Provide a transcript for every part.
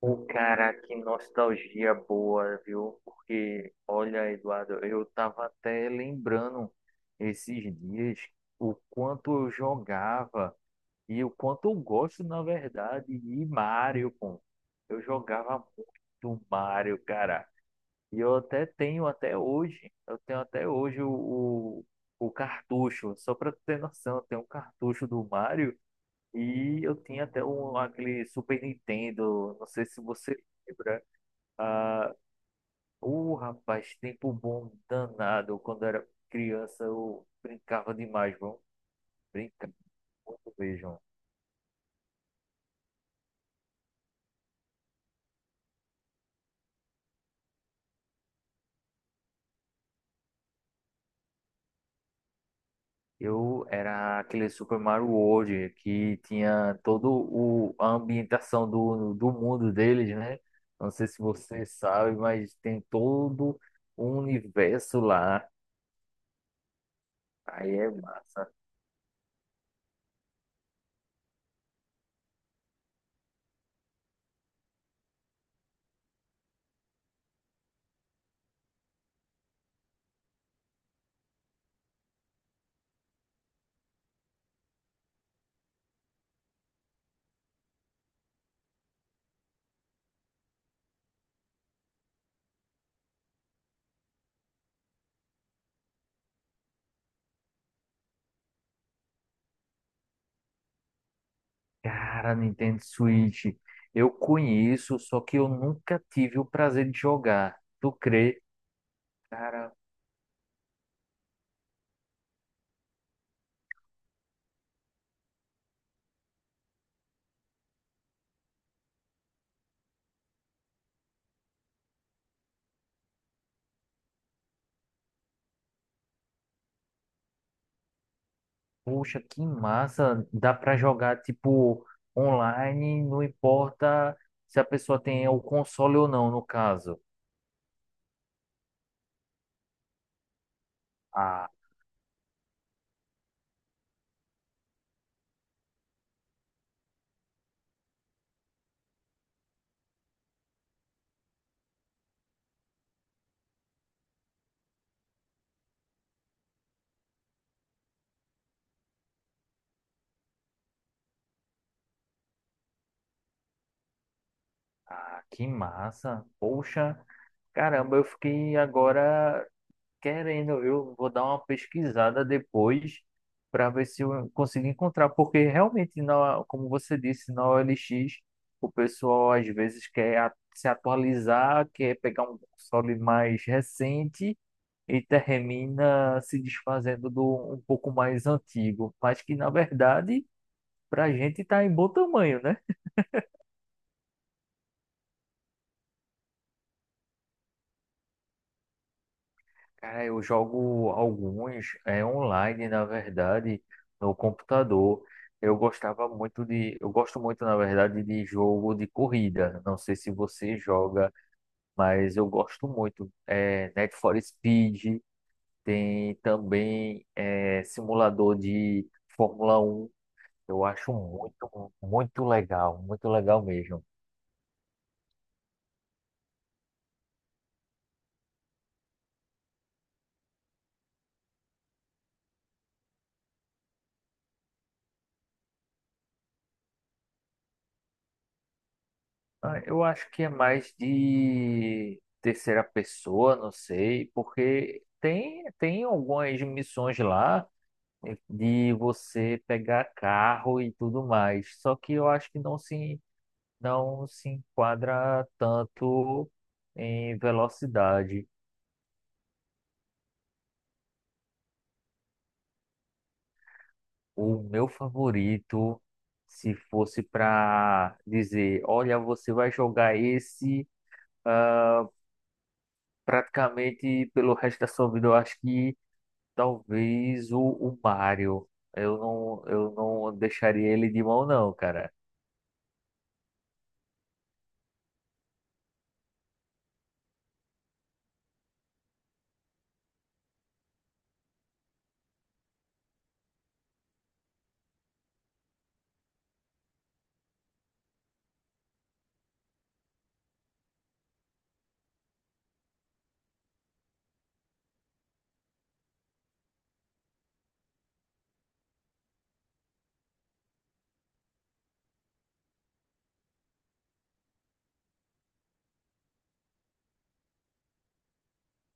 Pô, cara, que nostalgia boa, viu? Porque, olha, Eduardo, eu tava até lembrando esses dias o quanto eu jogava e o quanto eu gosto, na verdade, de Mario, pô. Eu jogava muito Mario, cara. Eu tenho até hoje o, o cartucho, só pra tu ter noção, eu tenho um cartucho do Mario. E eu tinha até um, aquele Super Nintendo, não sei se você lembra. Ah, o rapaz, tempo bom danado. Quando era criança, eu brincava demais, bom. Brincava muito mesmo. Eu era aquele Super Mario World que tinha a ambientação do mundo deles, né? Não sei se você sabe, mas tem todo o universo lá. Aí é massa. Cara, Nintendo Switch, eu conheço, só que eu nunca tive o prazer de jogar. Tu crê? Cara, poxa, que massa! Dá pra jogar tipo online, não importa se a pessoa tem o console ou não, no caso. Ah, ah, que massa! Poxa, caramba, eu fiquei agora querendo, eu vou dar uma pesquisada depois para ver se eu consigo encontrar, porque realmente, na, como você disse, na OLX, o pessoal às vezes quer se atualizar, quer pegar um console mais recente e termina se desfazendo do um pouco mais antigo, mas que na verdade, para a gente está em bom tamanho, né? Cara, eu jogo alguns online, na verdade, no computador. Eu gostava muito de, eu gosto muito, na verdade, de jogo de corrida. Não sei se você joga, mas eu gosto muito. É, Need for Speed, tem também simulador de Fórmula 1. Eu acho muito, muito legal mesmo. Ah, eu acho que é mais de terceira pessoa, não sei, porque tem algumas missões lá de você pegar carro e tudo mais. Só que eu acho que não se enquadra tanto em velocidade. O meu favorito, se fosse para dizer, olha, você vai jogar esse, ah, praticamente pelo resto da sua vida, eu acho que. Talvez o Mario. Eu não deixaria ele de mão, não, cara.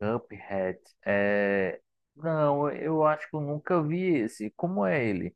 Cuphead. É. Não, eu acho que eu nunca vi esse. Como é ele?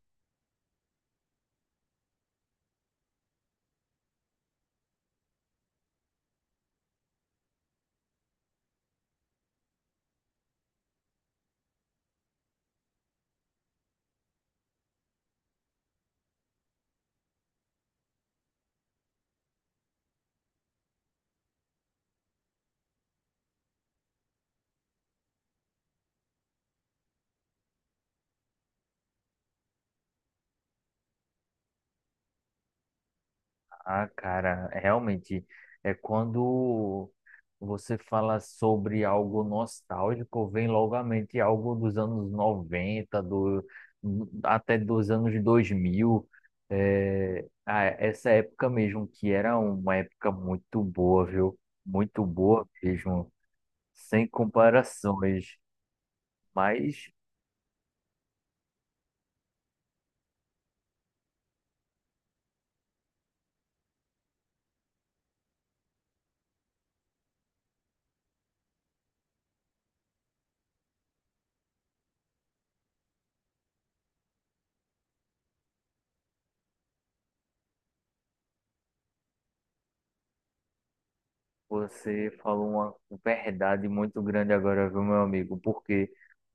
Ah, cara, realmente é quando você fala sobre algo nostálgico, vem logo à mente algo dos anos 90 do, até dos anos 2000. É, ah, essa época mesmo, que era uma época muito boa, viu? Muito boa mesmo, sem comparações. Mas você falou uma verdade muito grande agora, viu, meu amigo? Porque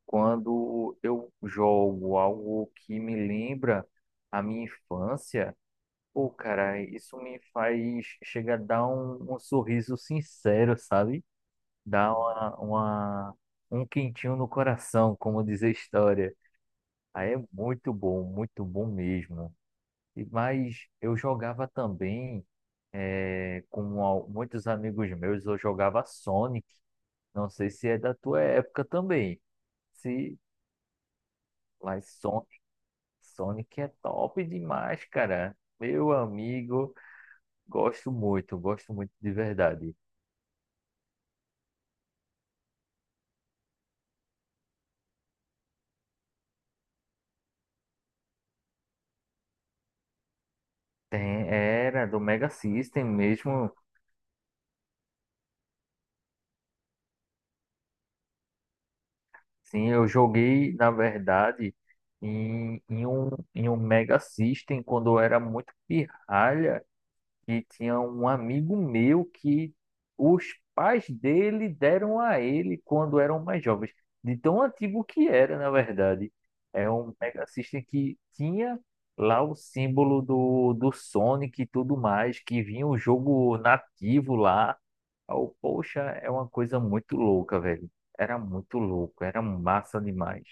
quando eu jogo algo que me lembra a minha infância, pô, cara, isso me faz chegar a dar um sorriso sincero, sabe? Dá um quentinho no coração, como diz a história. Aí é muito bom mesmo. Mas eu jogava também com muitos amigos meus, eu jogava Sonic. Não sei se é da tua época também. Se, mas Sonic é top demais, cara. Meu amigo, gosto muito de verdade. Tem, era do Mega System mesmo. Sim, eu joguei, na verdade, em um Mega System quando eu era muito pirralha. E tinha um amigo meu que os pais dele deram a ele quando eram mais jovens, de tão antigo que era, na verdade. É um Mega System que tinha lá o símbolo do Sonic e tudo mais, que vinha o jogo nativo lá. Oh, poxa, é uma coisa muito louca, velho. Era muito louco, era massa demais.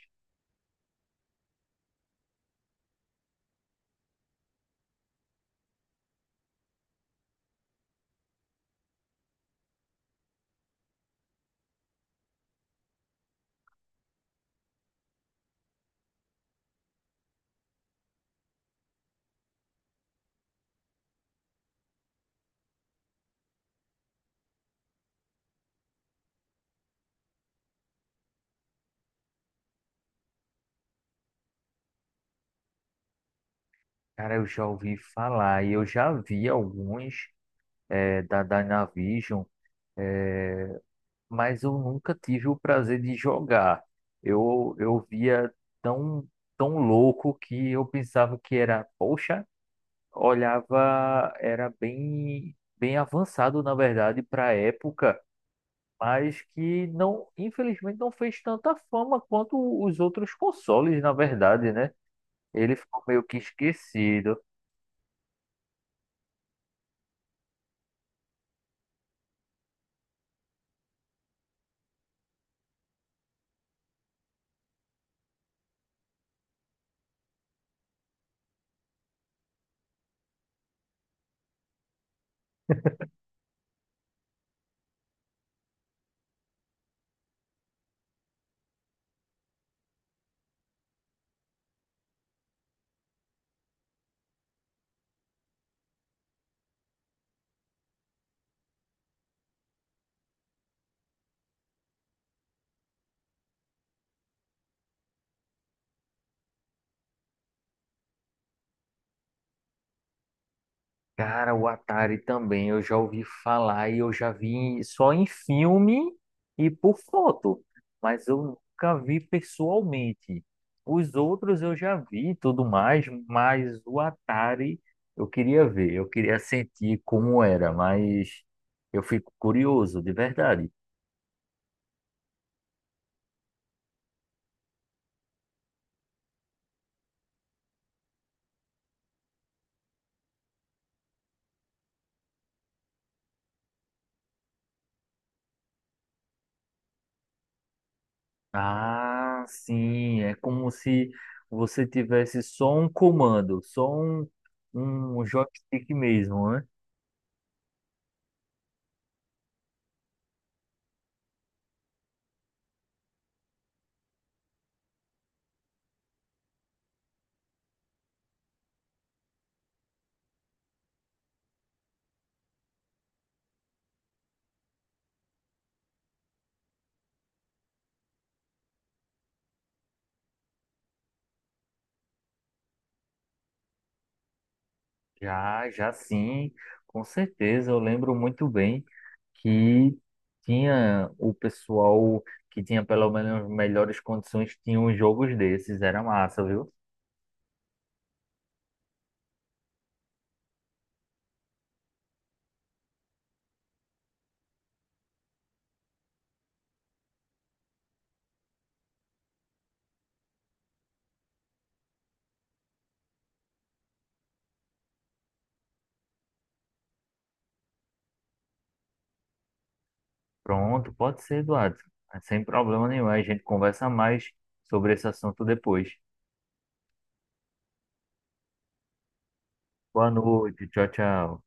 Cara, eu já ouvi falar e eu já vi alguns da Dynavision. eh, mas eu nunca tive o prazer de jogar. Eu via tão, tão louco que eu pensava que era, poxa, olhava, era bem, bem avançado, na verdade, para a época, mas que não, infelizmente, não fez tanta fama quanto os outros consoles, na verdade, né? Ele ficou meio que esquecido. Cara, o Atari também, eu já ouvi falar e eu já vi só em filme e por foto, mas eu nunca vi pessoalmente. Os outros eu já vi e tudo mais, mas o Atari eu queria ver, eu queria sentir como era, mas eu fico curioso, de verdade. Ah, sim, é como se você tivesse só um comando, só um joystick mesmo, né? Já, já sim, com certeza. Eu lembro muito bem que tinha o pessoal que tinha pelo menos melhores condições, tinha uns jogos desses, era massa, viu? Pronto, pode ser, Eduardo. É, sem problema nenhum. A gente conversa mais sobre esse assunto depois. Boa noite, tchau, tchau.